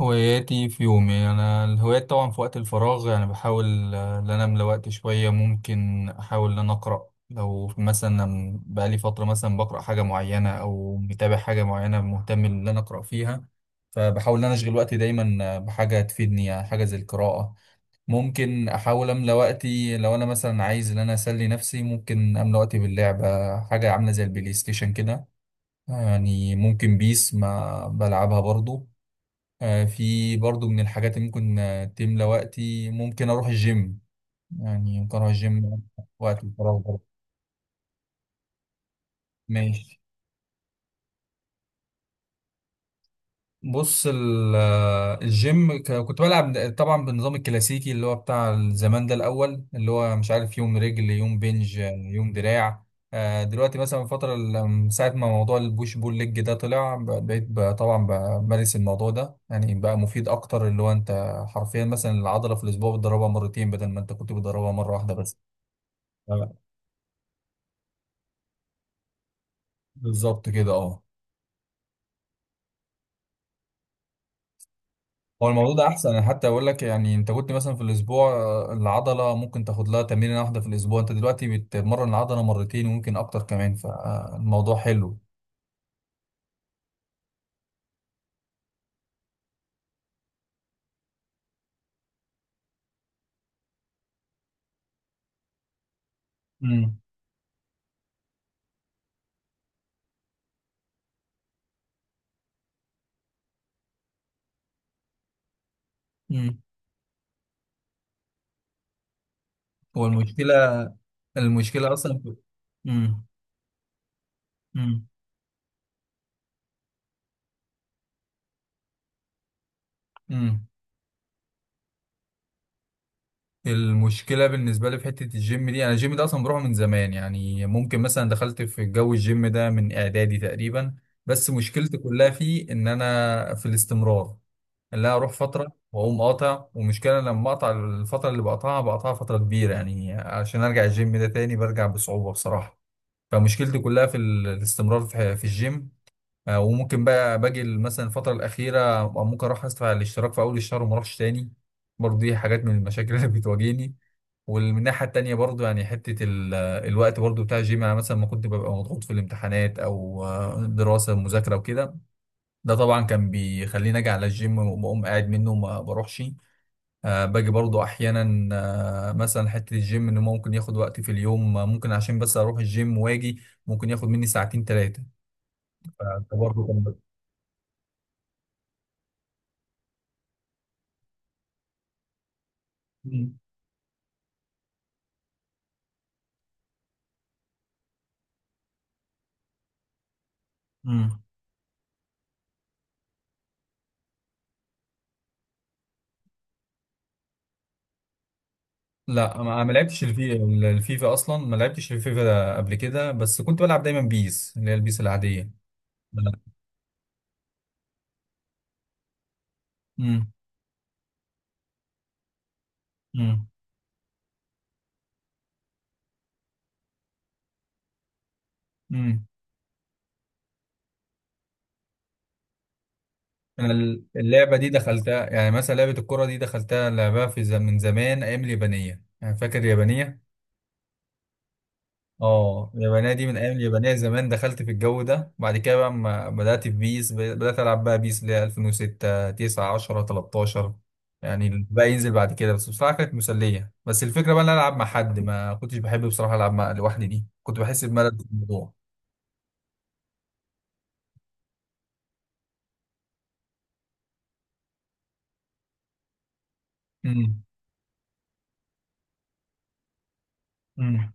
هواياتي في يومي انا الهوايات طبعا في وقت الفراغ يعني بحاول ان انا املى وقت شويه ممكن احاول ان انا اقرا لو مثلا أنا بقالي فتره مثلا بقرا حاجه معينه او متابع حاجه معينه مهتم ان انا اقرا فيها. فبحاول ان انا اشغل وقتي دايما بحاجه تفيدني يعني حاجه زي القراءه. ممكن احاول املى وقتي لو انا مثلا عايز ان انا اسلي نفسي ممكن املى وقتي باللعبه حاجه عامله زي البلاي ستيشن كده. يعني ممكن بيس ما بلعبها برضو. في برضو من الحاجات اللي ممكن تملى وقتي ممكن اروح الجيم. يعني ممكن اروح الجيم وقت الفراغ برضو. ماشي. بص الجيم كنت بلعب طبعا بالنظام الكلاسيكي اللي هو بتاع زمان ده الاول اللي هو مش عارف يوم رجل يوم بنج يوم دراع. دلوقتي مثلا الفترة من ساعة ما موضوع البوش بول ليج ده طلع بقيت طبعا بمارس الموضوع ده يعني بقى مفيد أكتر اللي هو أنت حرفيا مثلا العضلة في الأسبوع بتدربها مرتين بدل ما أنت كنت بتدربها مرة واحدة بس. آه، بالظبط كده اه. هو الموضوع ده احسن انا حتى اقول لك يعني انت كنت مثلا في الاسبوع العضله ممكن تاخد لها تمرينه واحده في الاسبوع انت دلوقتي بتمرن العضله مرتين وممكن اكتر كمان فالموضوع حلو. امم. امم. هو المشكله. المشكله اصلا في- امم. امم. امم. المشكله بالنسبه لي في حته الجيم دي انا الجيم ده اصلا بروحه من زمان يعني ممكن مثلا دخلت في جو الجيم ده من اعدادي تقريبا. بس مشكلتي كلها فيه ان انا في الاستمرار. اللي انا اروح فتره واقوم قاطع ومشكله لما اقطع الفتره اللي بقطعها بقطعها فتره كبيره يعني عشان ارجع الجيم ده تاني برجع بصعوبه بصراحه. فمشكلتي كلها في الاستمرار في الجيم. وممكن بقى باجي مثلا الفتره الاخيره ممكن اروح ادفع الاشتراك في اول الشهر وما اروحش تاني. برضه دي حاجات من المشاكل اللي بتواجهني. ومن الناحيه التانيه برضه يعني حته الوقت برضه بتاع الجيم انا مثلا ما كنت ببقى مضغوط في الامتحانات او دراسه مذاكره وكده. ده طبعا كان بيخليني اجي على الجيم وبقوم قاعد منه وما بروحش. أه باجي برضو احيانا. أه مثلا حته الجيم انه ممكن ياخد وقت في اليوم ممكن عشان بس اروح الجيم واجي ممكن ياخد مني ساعتين ثلاثه. برضه كان ب- مم. مم. لا ما لعبتش الفيفا اصلا ما لعبتش الفيفا ده قبل كده بس كنت بلعب دايما بيس اللي هي البيس العاديه. مم. مم. مم. انا اللعبه دي دخلتها يعني مثلا لعبه الكره دي دخلتها لعبها في من زمان ايام اليابانيه يعني فاكر اليابانيه. اه اليابانيه دي من ايام اليابانيه زمان دخلت في الجو ده بعد كده بقى ما بدات في بيس بدات العب بقى بيس اللي هي 2006 9 10 13 يعني بقى ينزل بعد كده بس بصراحه كانت مسليه بس الفكره بقى ان انا العب مع حد ما كنتش بحب بصراحه العب مع لوحدي دي كنت بحس بملل في الموضوع. امم. امم.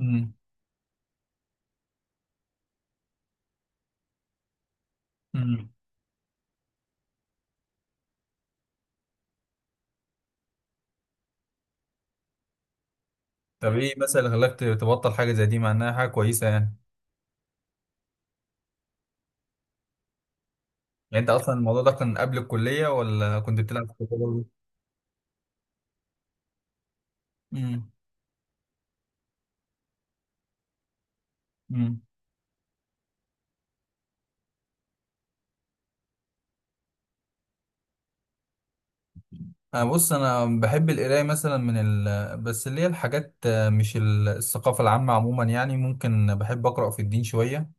امم. امم. طب ايه مثلا اللي خلاك تبطل حاجه زي دي مع انها حاجه كويسه يعني. يعني انت اصلا الموضوع ده كان قبل الكليه ولا كنت بتلعب في الكوره برضه؟ امم. امم. انا بص انا بحب القرايه مثلا من بس اللي هي الحاجات مش الثقافه العامه عموما يعني ممكن بحب اقرا في الدين شويه.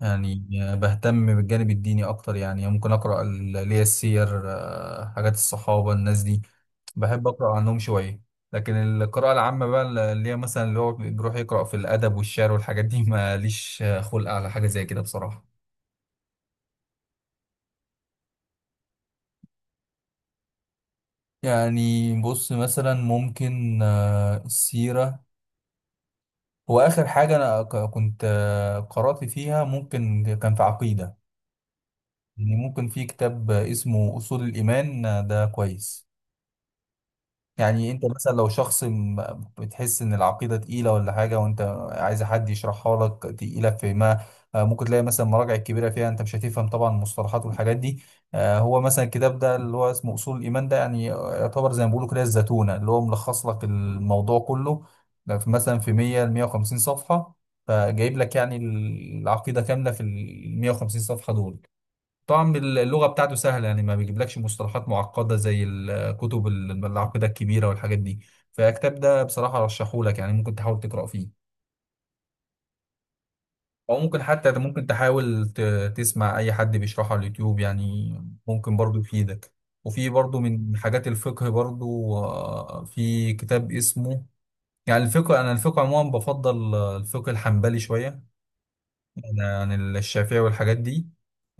يعني بهتم بالجانب الديني اكتر يعني ممكن اقرا اللي هي السير حاجات الصحابه الناس دي بحب اقرا عنهم شويه. لكن القراءه العامه بقى اللي هي مثلا اللي هو بيروح يقرا في الادب والشعر والحاجات دي ماليش خلق على حاجه زي كده بصراحه. يعني بص مثلا ممكن السيرة هو آخر حاجة أنا كنت قرأت فيها ممكن كان في عقيدة. يعني ممكن في كتاب اسمه أصول الإيمان ده كويس. يعني انت مثلا لو شخص بتحس ان العقيدة تقيلة ولا حاجة وانت عايز حد يشرحها لك تقيلة في ما ممكن تلاقي مثلا مراجع كبيرة فيها انت مش هتفهم طبعا المصطلحات والحاجات دي. هو مثلا الكتاب ده اللي هو اسمه اصول الايمان ده يعني يعتبر زي ما بيقولوا كده الزتونة اللي هو ملخص لك الموضوع كله. ده مثلا في 100 ل 150 صفحة فجايب لك يعني العقيدة كاملة في ال 150 صفحة دول. طبعا اللغة بتاعته سهلة يعني ما بيجيبلكش مصطلحات معقدة زي الكتب العقيدة الكبيرة والحاجات دي. فالكتاب ده بصراحة رشحهولك يعني ممكن تحاول تقرأ فيه. أو ممكن حتى ممكن تحاول تسمع أي حد بيشرحه على اليوتيوب يعني ممكن برضو يفيدك. وفي برضو من حاجات الفقه برضو في كتاب اسمه يعني الفقه أنا الفقه عموما بفضل الفقه الحنبلي شوية عن الشافعي والحاجات دي.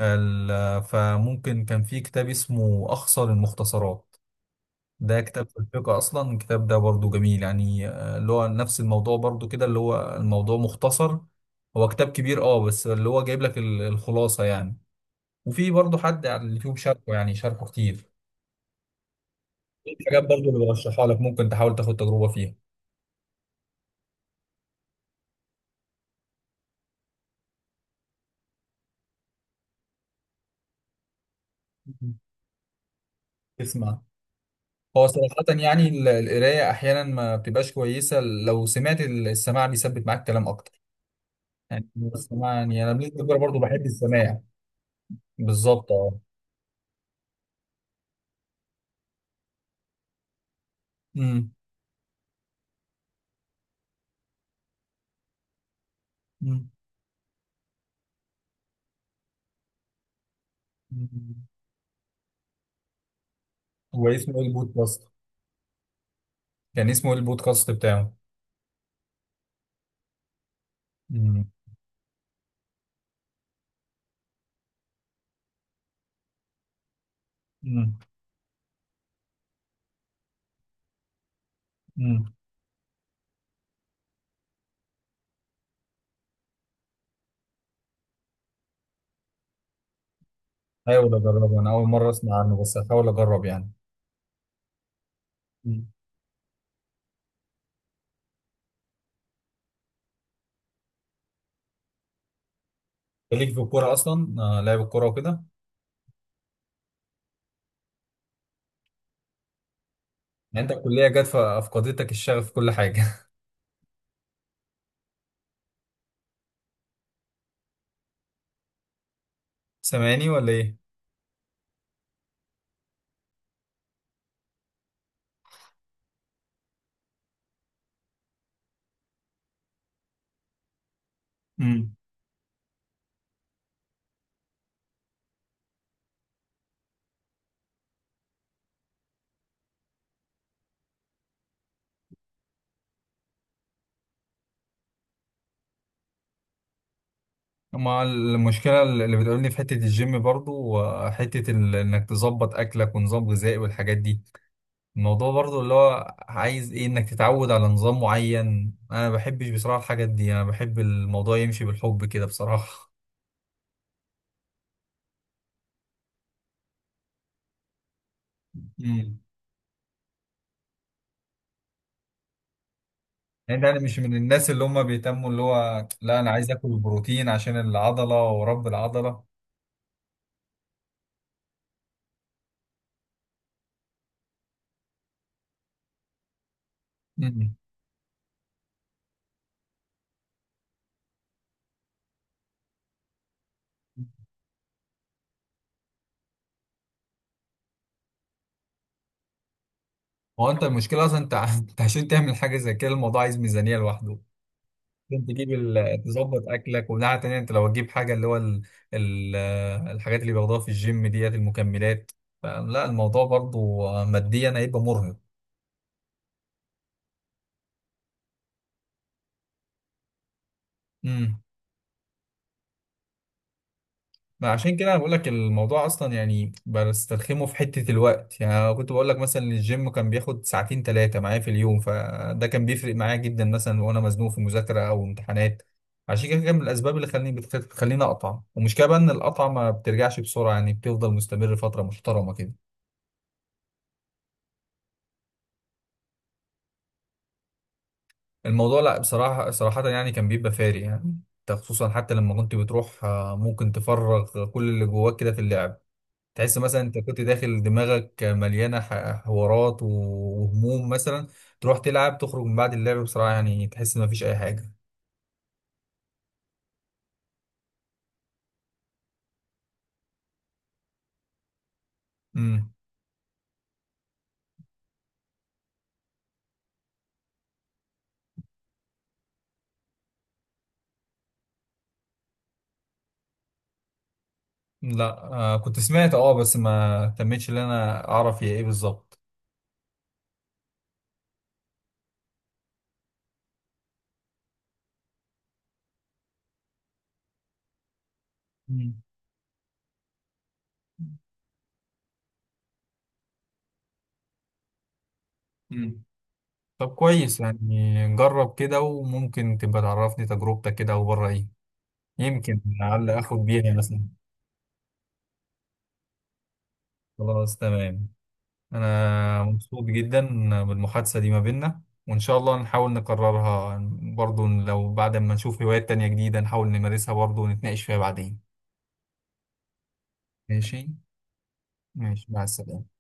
فممكن كان في كتاب اسمه أخصر المختصرات. ده كتاب في الفقه أصلا الكتاب ده برضو جميل يعني اللي هو نفس الموضوع برضو كده اللي هو الموضوع مختصر. هو كتاب كبير اه بس اللي هو جايب لك الخلاصة يعني. وفي برضو حد على اليوتيوب شاركه يعني شاركه كتير. في حاجات برضو اللي برشحها لك ممكن تحاول تاخد تجربة فيها. مم. اسمع. هو صراحة يعني القراية أحيانا ما بتبقاش كويسة لو سمعت السماع بيثبت معاك كلام أكتر. يعني بس ما يعني انا بنسبه كبيره برضه بحب السماع. بالظبط اه. امم. أمم. هو اسمه ايه البودكاست. كان اسمه ايه البودكاست بتاعه. امم. مم. مم. هحاول اجربه انا اول مره اسمع عنه بس هحاول اجرب يعني. مم. ليك في الكوره اصلا آه لعب الكوره وكده. يعني انت الكليه جت فافقدتك الشغف في كل حاجه سامعني ولا ايه. مم. مع المشكله اللي بتقولني في حته الجيم برضو وحته انك تظبط اكلك ونظام غذائي والحاجات دي. الموضوع برضو اللي هو عايز ايه انك تتعود على نظام معين انا ما بحبش بصراحة الحاجات دي انا بحب الموضوع يمشي بالحب كده بصراحة. امم. يعني انا مش من الناس اللي هم بيهتموا اللي هو لا انا عايز اكل بروتين عشان العضلة ورب العضلة. امم. هو انت المشكلة اصلا انت انت عشان تعمل حاجة زي كده الموضوع عايز ميزانية لوحده. عشان تجيب تظبط اكلك ومناعه تانية انت لو تجيب حاجه اللي هو ال... الحاجات اللي بياخدوها في الجيم ديت المكملات. فلا الموضوع برضو ماديا هيبقى مرهق. امم. ما عشان كده انا بقول لك الموضوع اصلا يعني بسترخمه في حته الوقت يعني أنا كنت بقول لك مثلا إن الجيم كان بياخد ساعتين ثلاثه معايا في اليوم فده كان بيفرق معايا جدا مثلا وانا مزنوق في مذاكره او امتحانات. عشان كده كان من الاسباب اللي خلاني بتخليني اقطع ومشكله بقى ان القطعه ما بترجعش بسرعه يعني بتفضل مستمر فتره محترمه كده. الموضوع لا بصراحة صراحة يعني كان بيبقى فارق يعني. انت خصوصا حتى لما كنت بتروح ممكن تفرغ كل اللي جواك كده في اللعب. تحس مثلا انت كنت داخل دماغك مليانة حوارات وهموم مثلا. تروح تلعب تخرج من بعد اللعب بصراحة يعني تحس ان مفيش اي حاجة. امم. لا آه كنت سمعت اه بس ما تمتش ان انا اعرف هي ايه بالظبط. مم. مم. طب كويس يعني جرب كده وممكن تبقى تعرفني تجربتك كده وبره ايه يمكن لعل اخد بيها مثلا. خلاص تمام. انا مبسوط جدا بالمحادثة دي ما بيننا وان شاء الله نحاول نكررها. برضو لو بعد ما نشوف هوايات تانية جديدة نحاول نمارسها برضو ونتناقش فيها بعدين. ماشي. ماشي مع السلامة.